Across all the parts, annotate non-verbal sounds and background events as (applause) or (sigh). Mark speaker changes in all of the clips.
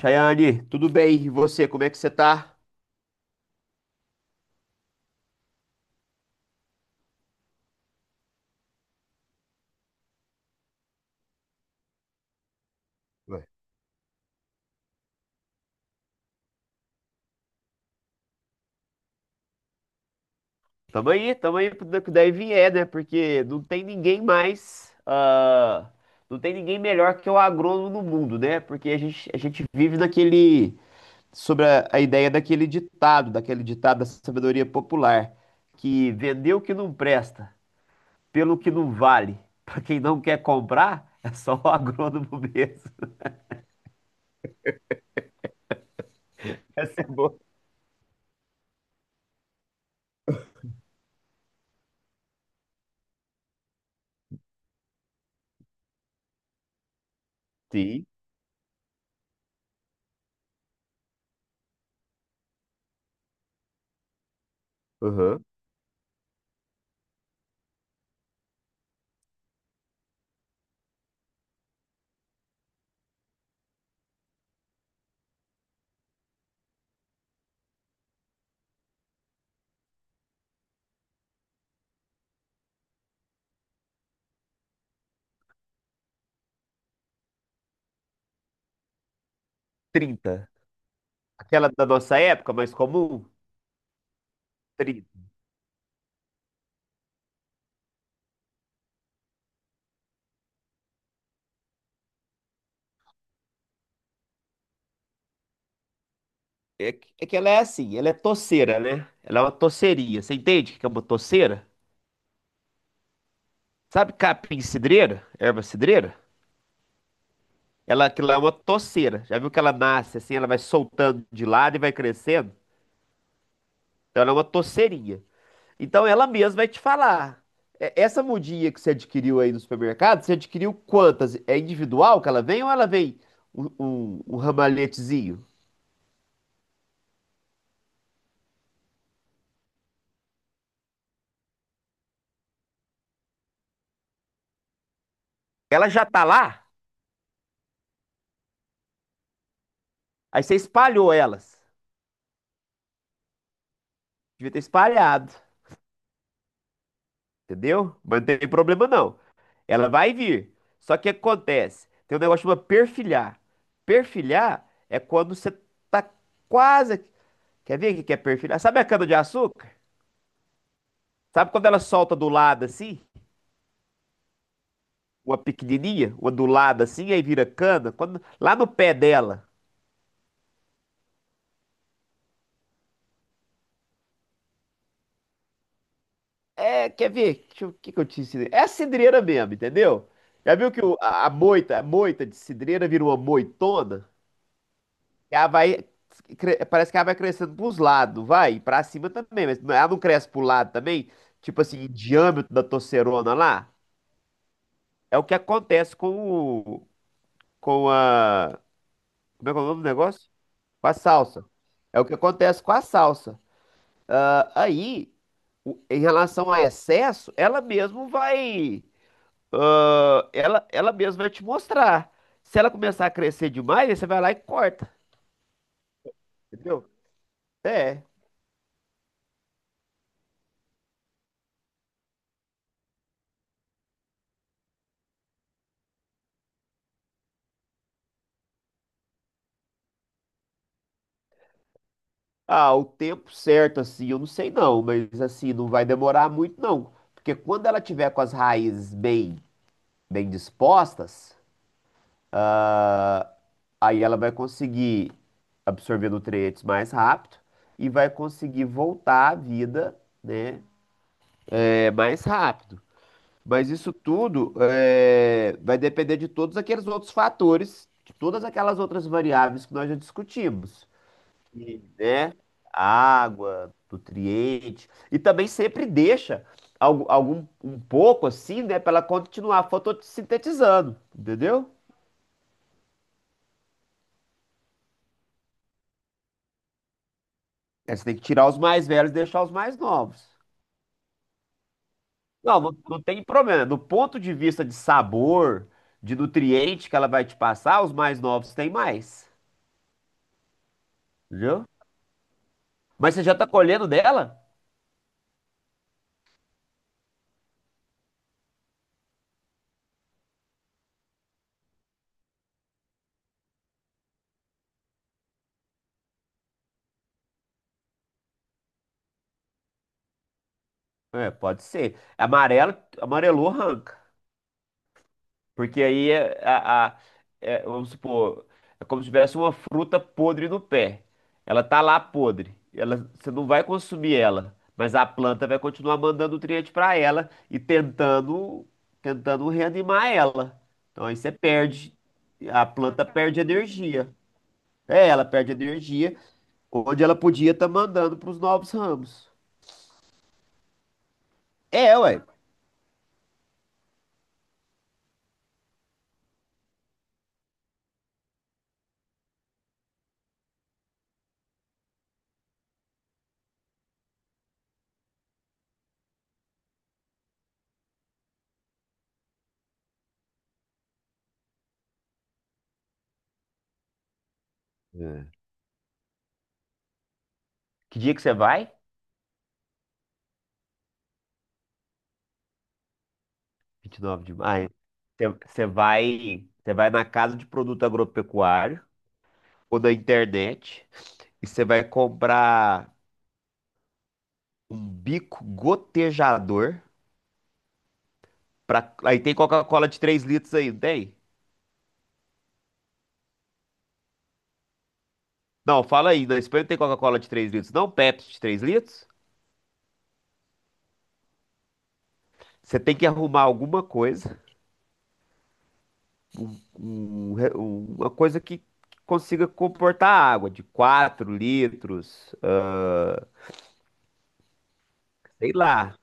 Speaker 1: Chayane, tudo bem? E você, como é que você tá? Ué. Tamo aí pro que daí vier, né? Porque não tem ninguém mais, não tem ninguém melhor que o agrônomo no mundo, né? Porque a gente vive sobre a ideia daquele ditado da sabedoria popular, que vender o que não presta, pelo que não vale, (laughs) pra quem não quer comprar, é só o agrônomo (laughs) mesmo. Essa é boa. Sim, aham. 30. Aquela da nossa época, mais comum? Tri- é que ela é assim, ela é toceira, né? Ela é uma toceria. Você entende o que é uma toceira? Sabe capim cidreira? Erva cidreira? Ela, aquilo lá é uma toceira. Já viu que ela nasce assim, ela vai soltando de lado e vai crescendo? Então ela é uma toceirinha. Então ela mesma vai te falar. É, essa mudinha que você adquiriu aí no supermercado, você adquiriu quantas? É individual que ela vem ou ela vem um ramalhetezinho? Ela já tá lá, aí você espalhou elas. Devia ter espalhado. Entendeu? Mas não tem problema não. Ela vai vir. Só que o que acontece? Tem um negócio chamado perfilhar. Perfilhar é quando você tá quase. Quer ver o que que é perfilhar? Sabe a cana-de-açúcar? Sabe quando ela solta do lado assim? Uma pequenininha, uma do lado assim, aí vira cana? Quando... Lá no pé dela. É, quer ver? O que que eu te ensinei? É a cidreira mesmo, entendeu? Já viu que a moita de cidreira vira uma moitona? Ela vai. Parece que ela vai crescendo pros lados, vai. Pra cima também, mas ela não cresce pro lado também? Tipo assim, em diâmetro da torcerona lá? É o que acontece com o. Com a. Como é que é o nome do negócio? Com a salsa. É o que acontece com a salsa. Aí, em relação a excesso, ela mesmo vai. Ela mesma vai te mostrar. Se ela começar a crescer demais, aí você vai lá e corta. Entendeu? É. Ah, o tempo certo, assim, eu não sei não, mas assim, não vai demorar muito não. Porque quando ela tiver com as raízes bem, bem dispostas, ah, aí ela vai conseguir absorver nutrientes mais rápido e vai conseguir voltar à vida, né, mais rápido. Mas isso tudo vai depender de todos aqueles outros fatores, de todas aquelas outras variáveis que nós já discutimos e, né? Água, nutrientes. E também sempre deixa algum, um pouco assim, né? Para ela continuar fotossintetizando, entendeu? Aí você tem que tirar os mais velhos e deixar os mais novos. Não, não, não tem problema. Do ponto de vista de sabor, de nutriente que ela vai te passar, os mais novos têm mais, entendeu? Mas você já tá colhendo dela? É, pode ser. Amarelo, amarelou, arranca. Porque aí é, a- é, vamos supor, é como se tivesse uma fruta podre no pé. Ela tá lá podre. Ela, você não vai consumir ela, mas a planta vai continuar mandando nutriente para ela e tentando reanimar ela. Então aí você perde, a planta perde energia. É, ela perde energia onde ela podia estar mandando para os novos ramos. É, ué. É. Que dia que você vai? 29 de maio. Você vai na casa de produto agropecuário ou na internet e você vai comprar um bico gotejador aí tem Coca-Cola de 3 litros aí, não tem? Não, fala aí, na Espanha não tem Coca-Cola de 3 litros, não, Pepsi de 3 litros. Você tem que arrumar alguma coisa, uma coisa que consiga comportar água de 4 litros, sei lá.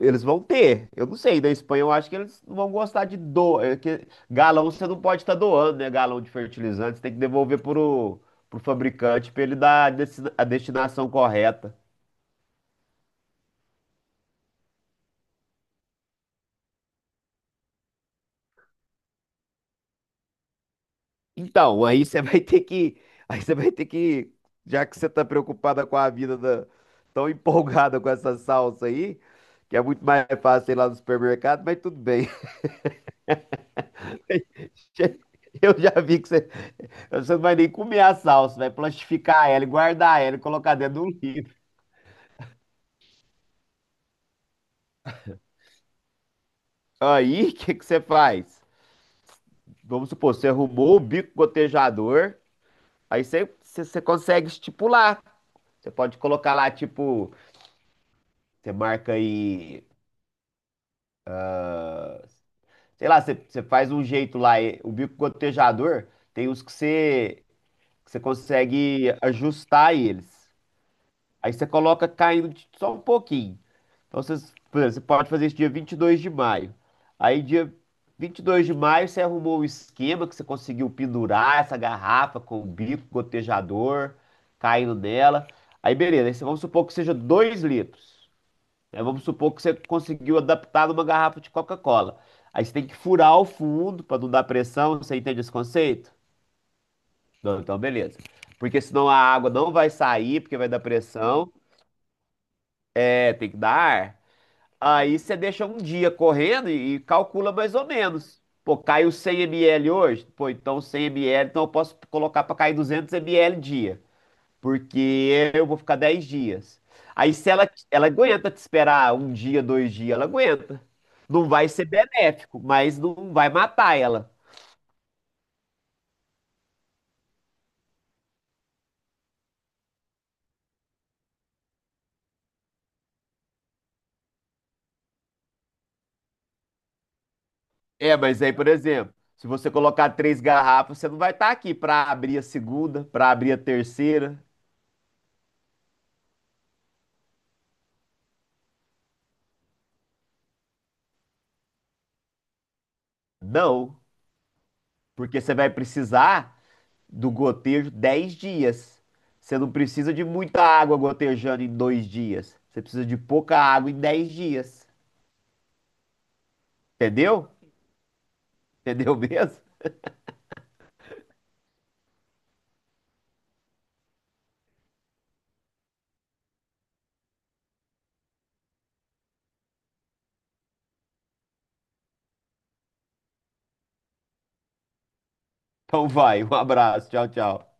Speaker 1: Eles vão ter. Eu não sei, da Espanha eu acho que eles não vão gostar de doar. É que galão você não pode estar doando, né? Galão de fertilizante, você tem que devolver pro fabricante para ele dar a a destinação correta. Então, aí você vai ter que. Aí você vai ter que. Já que você tá preocupada com a vida tão empolgada com essa salsa aí, que é muito mais fácil ir lá no supermercado, mas tudo bem. (laughs) Eu já vi que você não vai nem comer a salsa, vai plastificar ela e guardar ela e colocar dentro do Aí, (laughs) o que que você faz? Vamos supor, você arrumou o bico gotejador, aí você consegue estipular. Você pode colocar lá, tipo, você marca aí, sei lá, você faz um jeito lá. O bico gotejador tem uns que que você consegue ajustar eles. Aí você coloca caindo só um pouquinho. Então por exemplo, você pode fazer isso dia 22 de maio. Aí dia 22 de maio você arrumou um esquema que você conseguiu pendurar essa garrafa com o bico gotejador caindo nela. Aí beleza, vamos supor que seja 2 litros. Aí vamos supor que você conseguiu adaptar numa garrafa de Coca-Cola. Aí você tem que furar o fundo para não dar pressão. Você entende esse conceito? Não, então beleza. Porque senão a água não vai sair, porque vai dar pressão. É, tem que dar ar. Aí você deixa um dia correndo e calcula mais ou menos. Pô, caiu 100 ml hoje? Pô, então 100 ml, então eu posso colocar para cair 200 ml dia, porque eu vou ficar 10 dias. Aí se ela aguenta te esperar um dia, 2 dias, ela aguenta. Não vai ser benéfico, mas não vai matar ela. É, mas aí, por exemplo, se você colocar três garrafas, você não vai estar aqui para abrir a segunda, para abrir a terceira. Não, porque você vai precisar do gotejo 10 dias. Você não precisa de muita água gotejando em 2 dias. Você precisa de pouca água em 10 dias. Entendeu? Entendeu mesmo? Então vai, um abraço, tchau, tchau.